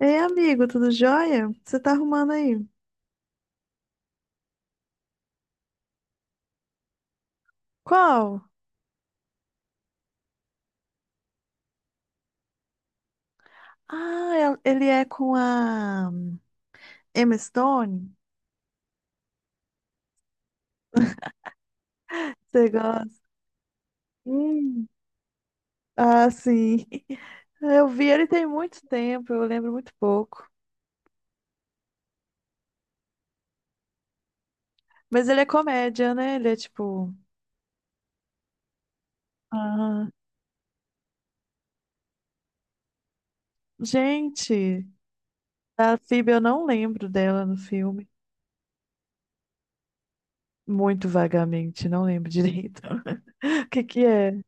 Ei, amigo, tudo jóia? O que você tá arrumando aí? Qual? Ah, ele é com a Emma Stone? Você gosta? Hum. Ah, sim. Eu vi ele tem muito tempo, eu lembro muito pouco. Mas ele é comédia, né? Ele é tipo. Ah, gente, a Phoebe eu não lembro dela no filme. Muito vagamente, não lembro direito. O que que é?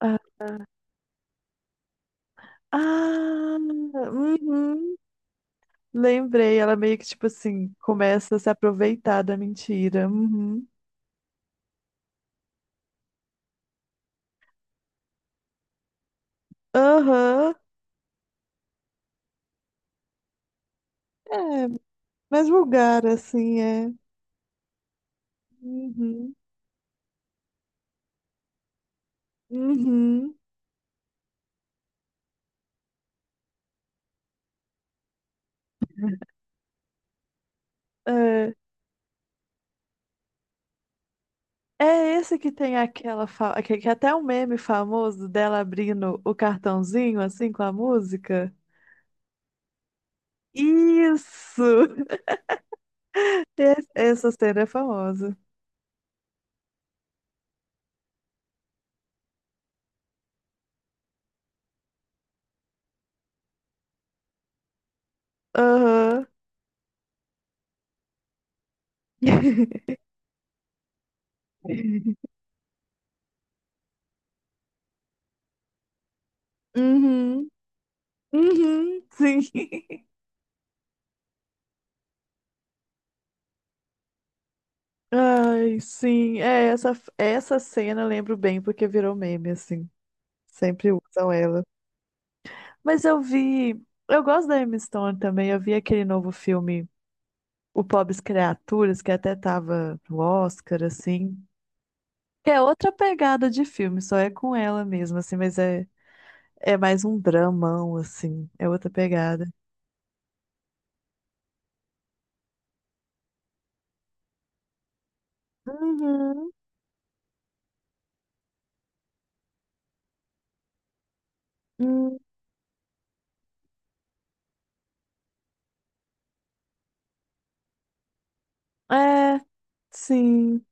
Ah, ah, uhum. Lembrei, ela meio que, tipo assim, começa a se aproveitar da mentira. Uhum. Aham. É, mais vulgar, assim, é. Uhum. Uhum. É. É esse que tem aquela. Que até um meme famoso dela abrindo o cartãozinho, assim, com a música. Isso! Essa cena é famosa. Aham. Uhum. Uhum. Sim. Ai, sim. É, essa cena eu lembro bem porque virou meme, assim. Sempre usam ela. Mas eu vi. Eu gosto da Emma Stone também. Eu vi aquele novo filme, O Pobres Criaturas, que até tava no Oscar, assim. Que é outra pegada de filme, só é com ela mesmo, assim, mas é mais um dramão, assim. É outra pegada. Uhum. Hum, é, sim.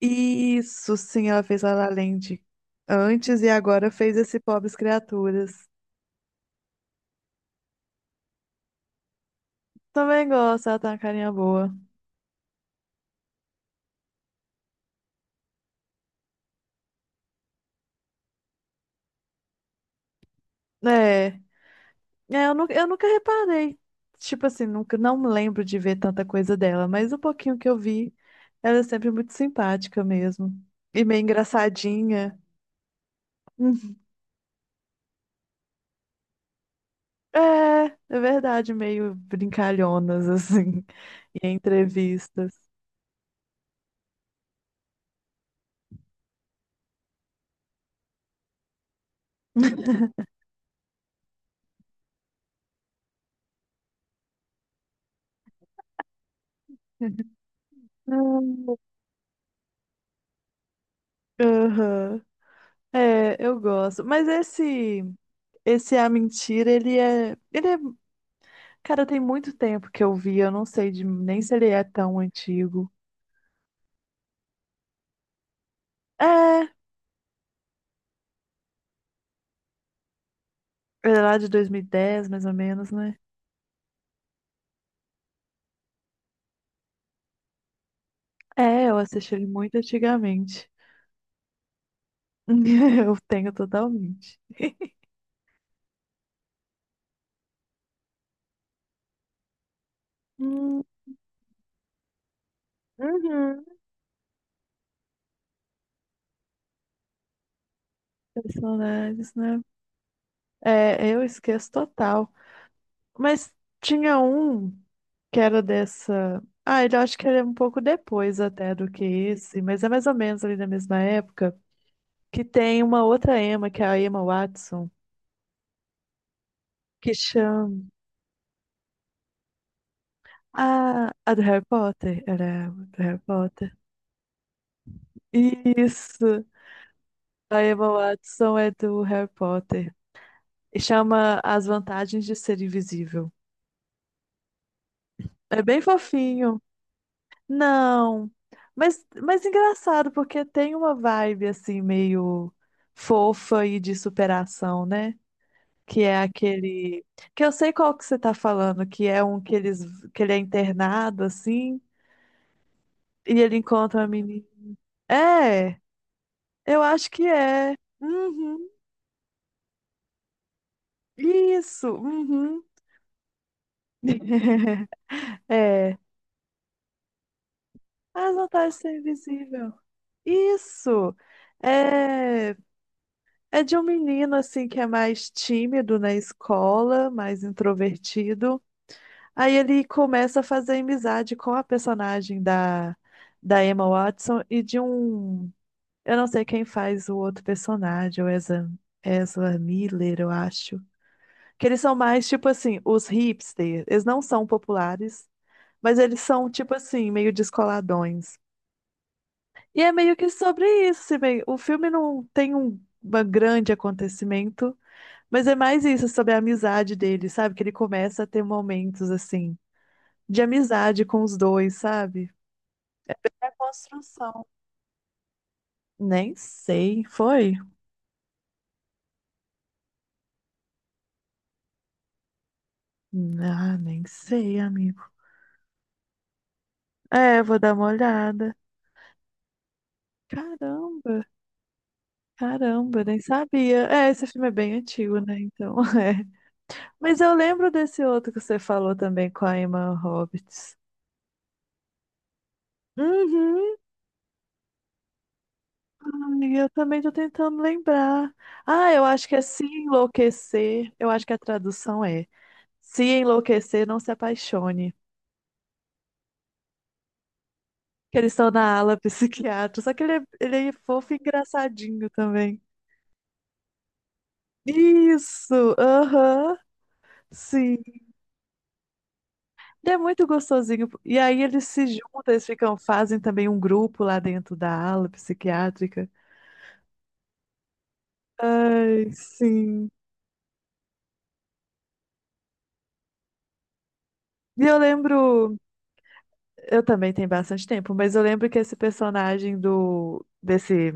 Isso, sim, ela fez La La Land antes e agora fez esse Pobres Criaturas. Também gosto, ela tá uma carinha boa. É, é, eu nunca reparei. Tipo assim, nunca, não me lembro de ver tanta coisa dela, mas o pouquinho que eu vi, ela é sempre muito simpática mesmo. E meio engraçadinha. Uhum. É, é verdade, meio brincalhonas, assim, em entrevistas. Aham. É, eu gosto. Mas esse. Esse A Mentira, ele é. Ele é. Cara, tem muito tempo que eu vi, eu não sei de... nem se ele é tão antigo. É, ele é lá de 2010, mais ou menos, né? É, eu assisti ele muito antigamente. Eu tenho totalmente. Hum, uhum. Personagens, né? É, eu esqueço total. Mas tinha um que era dessa. Ah, ele eu acho que ele é um pouco depois até do que esse, mas é mais ou menos ali da mesma época. Que tem uma outra Emma, que é a Emma Watson, que chama. Ah, a do Harry Potter. Era ela, do Harry Potter. Isso! A Emma Watson é do Harry Potter. E chama As Vantagens de Ser Invisível. É bem fofinho. Não. Mas engraçado, porque tem uma vibe assim, meio fofa e de superação, né? Que é aquele. Que eu sei qual que você tá falando, que é um que ele é internado, assim, e ele encontra a menina. É, eu acho que é. Uhum. Isso, uhum. É. As vantagens de ser invisível. Isso. É, é de um menino assim que é mais tímido na escola, mais introvertido. Aí ele começa a fazer amizade com a personagem da Emma Watson e de um. Eu não sei quem faz o outro personagem, o Ezra, Ezra Miller, eu acho. Que eles são mais, tipo assim, os hipsters. Eles não são populares, mas eles são, tipo assim, meio descoladões. E é meio que sobre isso, assim, o filme não tem uma grande acontecimento, mas é mais isso, sobre a amizade dele, sabe? Que ele começa a ter momentos, assim, de amizade com os dois, sabe? É a construção. Nem sei, foi? Ah, nem sei, amigo. É, vou dar uma olhada. Caramba! Caramba, eu nem sabia. É, esse filme é bem antigo, né? Então, é. Mas eu lembro desse outro que você falou também com a Emma Roberts. Uhum. Ai, eu também tô tentando lembrar. Ah, eu acho que é Se Enlouquecer. Eu acho que a tradução é Se Enlouquecer, Não Se Apaixone. Que eles estão na ala psiquiátrica. Só que ele é fofo e engraçadinho também. Isso! Aham! Sim. E é muito gostosinho. E aí eles se juntam, eles ficam, fazem também um grupo lá dentro da ala psiquiátrica. Ai, sim. E eu lembro, eu também tenho bastante tempo, mas eu lembro que esse personagem do desse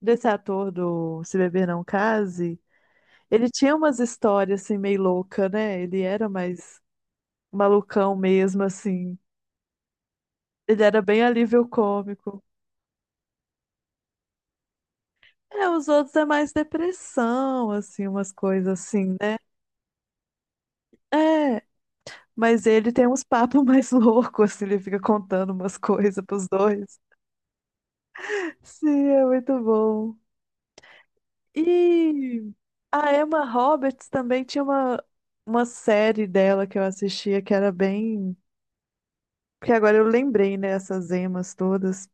desse ator do Se Beber Não Case, ele tinha umas histórias assim meio louca, né? Ele era mais malucão mesmo assim. Ele era bem alívio cômico. É, os outros é mais depressão, assim, umas coisas assim, né? É. Mas ele tem uns papos mais loucos, assim, ele fica contando umas coisas pros dois. Sim, é muito bom. E a Emma Roberts também tinha uma, série dela que eu assistia que era bem. Porque agora eu lembrei, né, essas emas todas.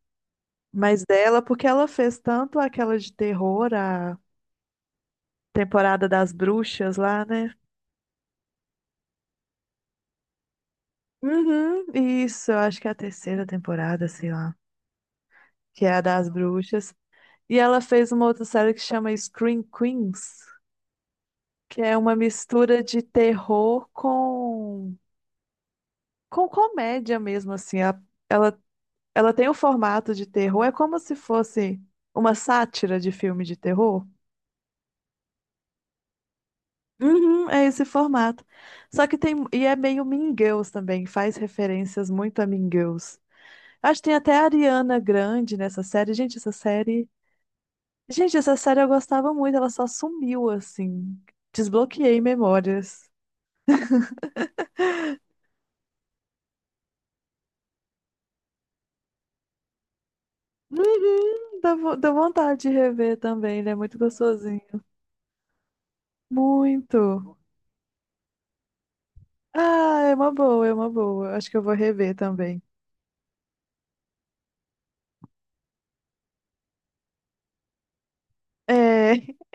Mas dela, porque ela fez tanto aquela de terror, a temporada das bruxas lá, né? Uhum, isso, eu acho que é a terceira temporada, sei lá, que é a das bruxas. E ela fez uma outra série que chama Scream Queens, que é uma mistura de terror com comédia mesmo, assim. Ela, ela tem o formato de terror, é como se fosse uma sátira de filme de terror. Uhum, é esse formato. Só que tem. E é meio Mean Girls também, faz referências muito a Mean Girls. Acho que tem até a Ariana Grande nessa série. Gente, essa série. Gente, essa série eu gostava muito, ela só sumiu, assim. Desbloqueei memórias. Uhum, dá vontade de rever também, ele é muito gostosinho. Muito. Ah, é uma boa, é uma boa. Acho que eu vou rever também. É,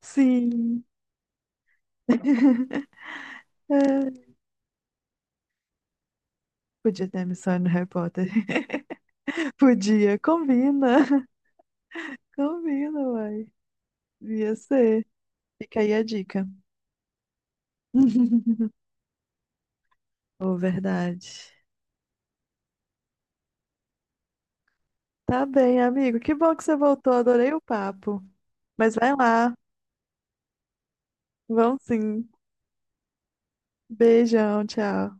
sim. É, podia ter a missão no Harry Potter. Podia, combina. Combina, uai. Ia ser. Fica aí a dica. Oh, verdade. Tá bem, amigo. Que bom que você voltou. Adorei o papo. Mas vai lá. Vão sim. Beijão, tchau.